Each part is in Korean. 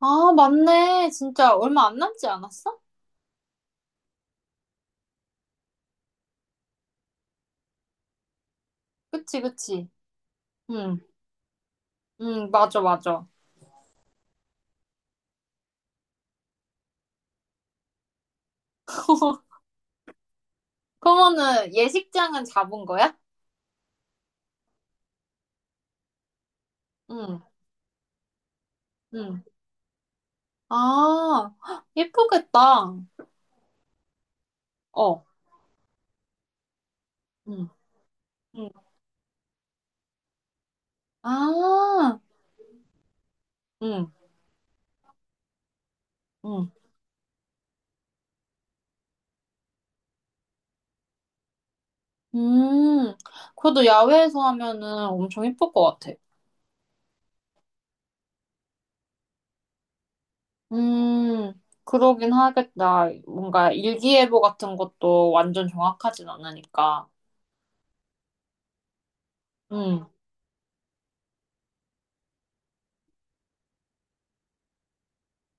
아, 맞네. 진짜 얼마 안 남지 않았어? 그치, 그치. 응, 응, 맞아, 맞아. 그러면은 예식장은 잡은 거야? 응, 응. 아, 헉, 예쁘겠다. 어, 응, 응. 아, 응, 응. 음, 그래도 야외에서 하면은 엄청 예쁠 것 같아. 음, 그러긴 하겠다. 뭔가 일기예보 같은 것도 완전 정확하진 않으니까. 응.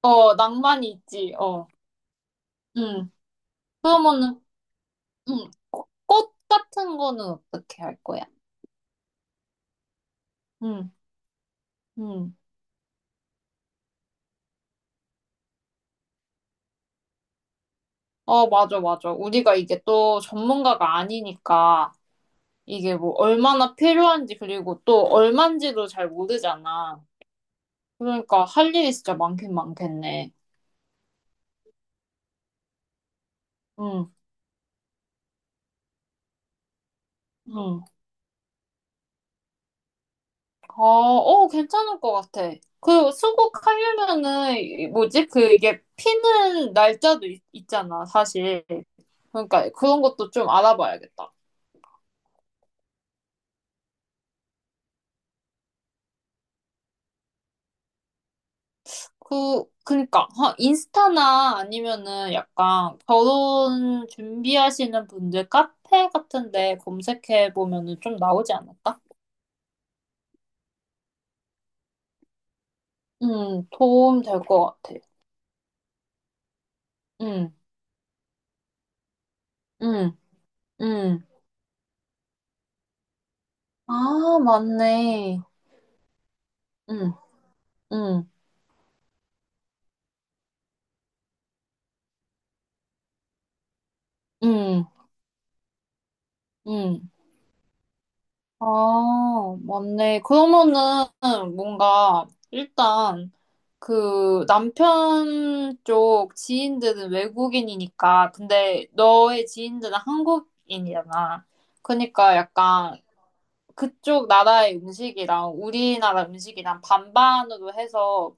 어, 낭만이 있지. 어. 응. 그러면은, 꽃꽃 같은 거는 어떻게 할 거야? 음, 음. 어, 맞아, 맞아. 우리가 이게 또 전문가가 아니니까 이게 뭐 얼마나 필요한지 그리고 또 얼만지도 잘 모르잖아. 그러니까 할 일이 진짜 많긴 많겠네. 응, 응. 어, 어, 괜찮을 것 같아. 그 수국하려면은 뭐지? 그 이게 피는 날짜도 있잖아, 사실. 그러니까 그런 것도 좀 알아봐야겠다. 그니까, 하 인스타나 아니면은 약간 결혼 준비하시는 분들 카페 같은데 검색해 보면은 좀 나오지 않을까? 도움 될 것 같아. 음, 음, 음. 아, 맞네. 음, 음, 음, 음. 아, 맞네. 그러면은 뭔가 일단 그 남편 쪽 지인들은 외국인이니까 근데 너의 지인들은 한국인이잖아. 그러니까 약간 그쪽 나라의 음식이랑 우리나라 음식이랑 반반으로 해서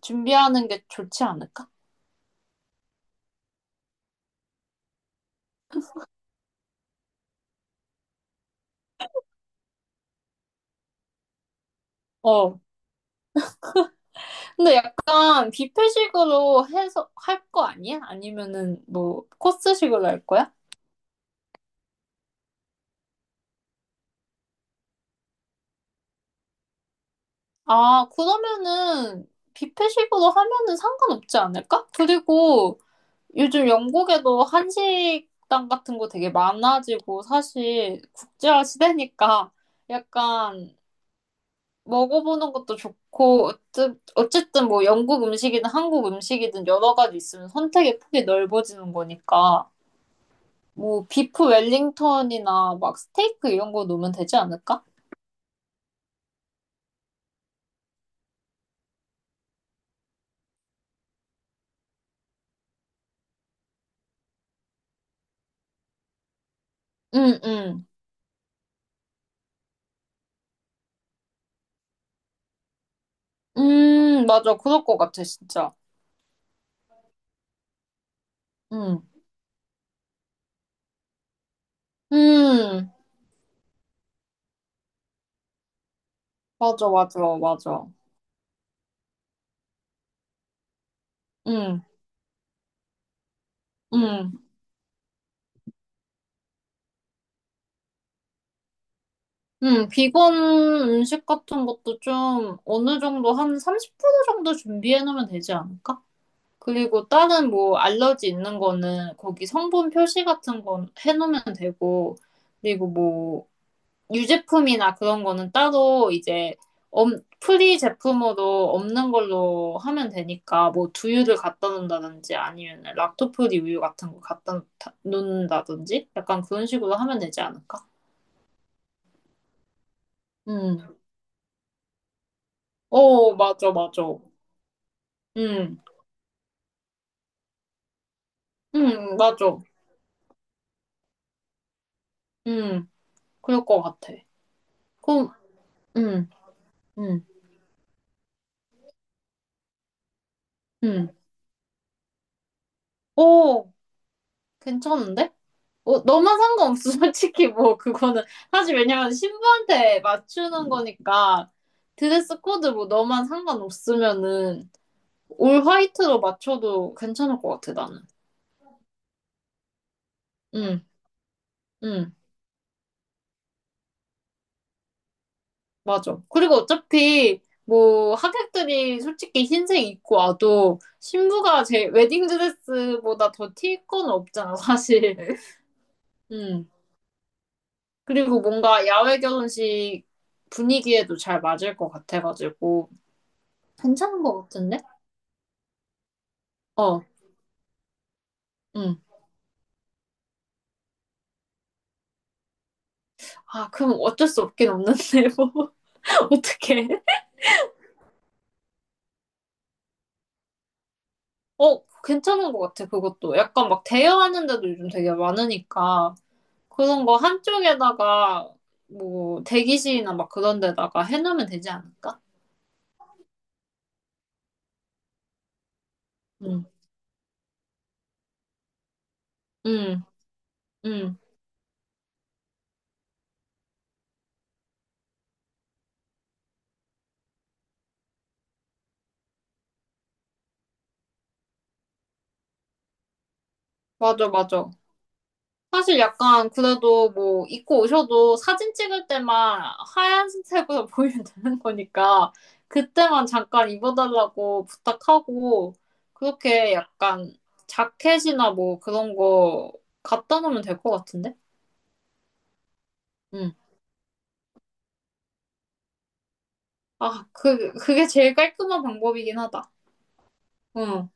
준비하는 게 좋지 않을까? 어. 근데 약간 뷔페식으로 해서 할 거 아니야? 아니면은 뭐 코스식으로 할 거야? 아, 그러면은 뷔페식으로 하면은 상관없지 않을까? 그리고 요즘 영국에도 한식당 같은 거 되게 많아지고 사실 국제화 시대니까 약간 먹어보는 것도 좋고 어쨌든 뭐 영국 음식이든 한국 음식이든 여러 가지 있으면 선택의 폭이 넓어지는 거니까 뭐 비프 웰링턴이나 막 스테이크 이런 거 넣으면 되지 않을까? 응, 응. 맞아. 그럴 것 같아, 진짜. 응. 음, 맞아, 맞아, 맞아. 응, 응. 비건 음식 같은 것도 좀 어느 정도 한 30% 정도 준비해 놓으면 되지 않을까? 그리고 다른 뭐 알러지 있는 거는 거기 성분 표시 같은 건 해 놓으면 되고, 그리고 뭐 유제품이나 그런 거는 따로 이제 프리 제품으로 없는 걸로 하면 되니까 뭐 두유를 갖다 놓는다든지 아니면 락토프리 우유 같은 거 갖다 놓는다든지 약간 그런 식으로 하면 되지 않을까? 음. 어, 맞아, 맞아. 응, 응, 맞아. 응, 그럴 것 같아. 그럼, 응, 응, 응. 오, 괜찮은데? 어, 너만 상관없어. 솔직히 뭐, 그거는. 사실 왜냐면 신부한테 맞추는 거니까 드레스 코드 뭐 너만 상관없으면은 올 화이트로 맞춰도 괜찮을 것 같아, 나는. 응, 응, 맞아. 그리고 어차피 뭐 하객들이 솔직히 흰색 입고 와도 신부가 제 웨딩 드레스보다 더 튈 건 없잖아, 사실. 음. 그리고 뭔가 야외 결혼식 분위기에도 잘 맞을 것 같아가지고. 괜찮은 것 같은데? 어, 응. 아, 그럼 어쩔 수 없긴 없는데, 뭐. 어떡해. 어, 괜찮은 것 같아, 그것도. 약간 막 대여하는 데도 요즘 되게 많으니까. 그런 거 한쪽에다가, 뭐, 대기실이나 막 그런 데다가 해놓으면 되지 않을까? 응 응, 응. 맞아, 맞아. 사실 약간 그래도 뭐 입고 오셔도 사진 찍을 때만 하얀색으로 보이면 되는 거니까 그때만 잠깐 입어달라고 부탁하고 그렇게 약간 자켓이나 뭐 그런 거 갖다 놓으면 될 것 같은데? 응. 아, 그게 제일 깔끔한 방법이긴 하다. 응,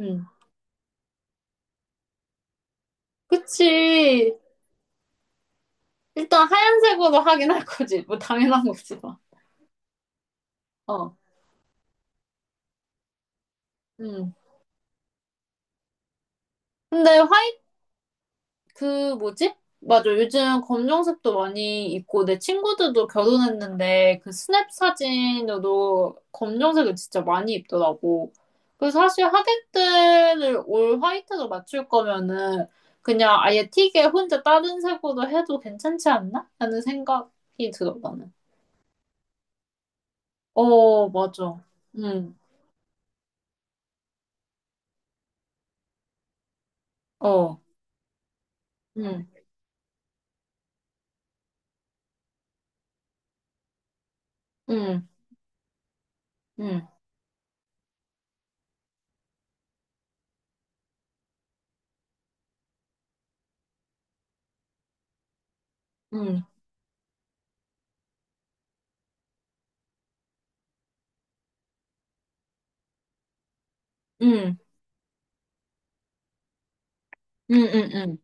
응. 그치. 일단 하얀색으로 하긴 할 거지. 뭐 당연한 거지만. 어, 응. 근데 화 그 뭐지? 맞아. 요즘 검정색도 많이 있고 내 친구들도 결혼했는데 그 스냅 사진으로 검정색을 진짜 많이 입더라고. 그래서 사실 하객들을 올 화이트로 맞출 거면은 그냥 아예 틱에 혼자 다른 색으로 해도 괜찮지 않나? 하는 생각이 들어 나는. 어, 맞아. 응. 어. 응. 응. 응. 응. 응. 응. 응. 응. 응.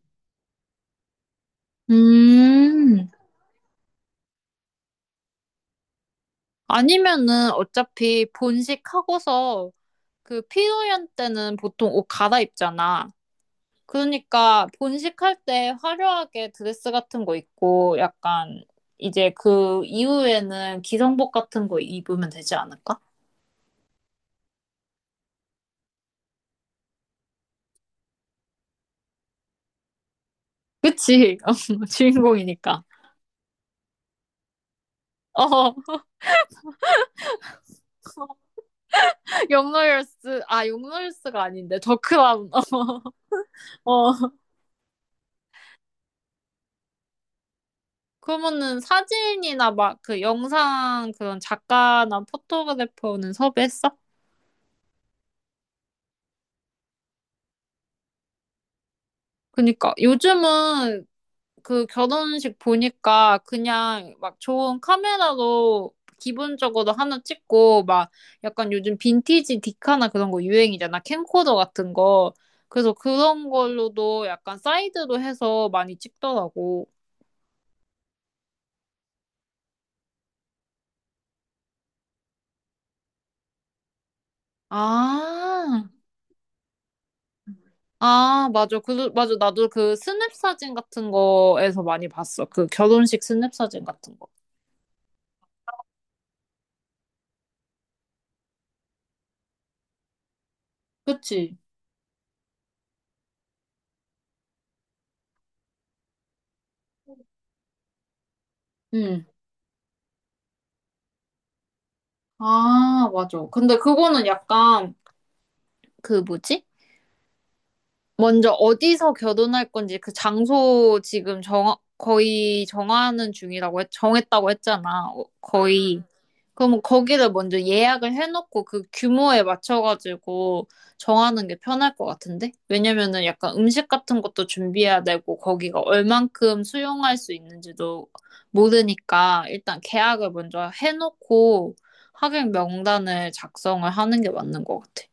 음. 아니면은 어차피 본식하고서 그 피노연 때는 보통 옷 갈아입잖아. 그러니까 본식할 때 화려하게 드레스 같은 거 입고 약간 이제 그 이후에는 기성복 같은 거 입으면 되지 않을까? 그치? 어, 주인공이니까. 어, 용노열스, 아, 용노열스가 아닌데, 더크라운. 어, 어. 그러면은 사진이나 막 그 영상 그런 작가나 포토그래퍼는 섭외했어? 그니까 요즘은 그 결혼식 보니까 그냥 막 좋은 카메라로 기본적으로 하나 찍고 막 약간 요즘 빈티지 디카나 그런 거 유행이잖아. 캠코더 같은 거. 그래서 그런 걸로도 약간 사이드로 해서 많이 찍더라고. 아, 아, 맞아. 맞아. 나도 그 스냅 사진 같은 거에서 많이 봤어. 그 결혼식 스냅 사진 같은 거. 그치? 응. 아, 맞아. 근데 그거는 약간 그 뭐지? 먼저 어디서 결혼할 건지 그 장소 지금 거의 정하는 중이라고, 정했다고 했잖아. 어, 거의. 그럼 거기를 먼저 예약을 해놓고 그 규모에 맞춰가지고 정하는 게 편할 것 같은데? 왜냐면은 약간 음식 같은 것도 준비해야 되고 거기가 얼만큼 수용할 수 있는지도 모르니까 일단 계약을 먼저 해놓고 하객 명단을 작성을 하는 게 맞는 것 같아.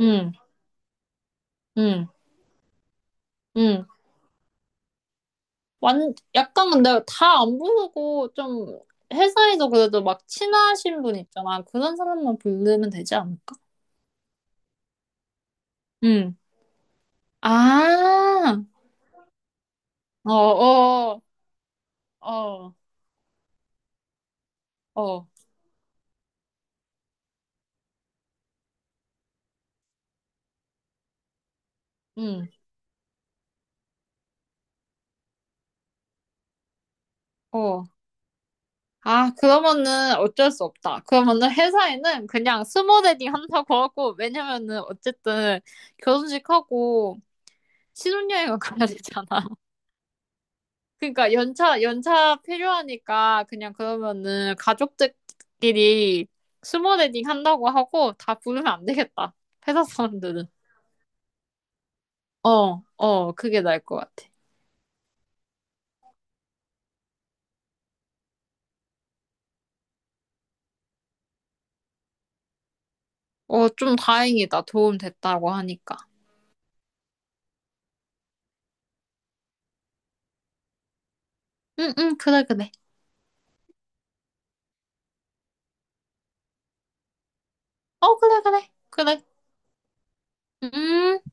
응, 응, 응. 약간 근데 다 안 부르고 좀 회사에서 그래도 막 친하신 분 있잖아. 그런 사람만 부르면 되지 않을까? 응. 아, 어, 어, 어, 어, 어, 응, 어. 아, 그러면은 어쩔 수 없다. 그러면은 회사에는 그냥 스몰 웨딩 한다고 하고, 왜냐면은 어쨌든 결혼식 하고 신혼여행을 가야 되잖아. 그러니까 연차 필요하니까 그냥 그러면은 가족들끼리 스몰 웨딩 한다고 하고 다 부르면 안 되겠다. 회사 사람들은. 어, 어, 그게 나을 것 같아. 어, 좀 다행이다. 도움 됐다고 하니까. 응, 응, 그래, 그래. 어, 그래, 그래. 그래. 음.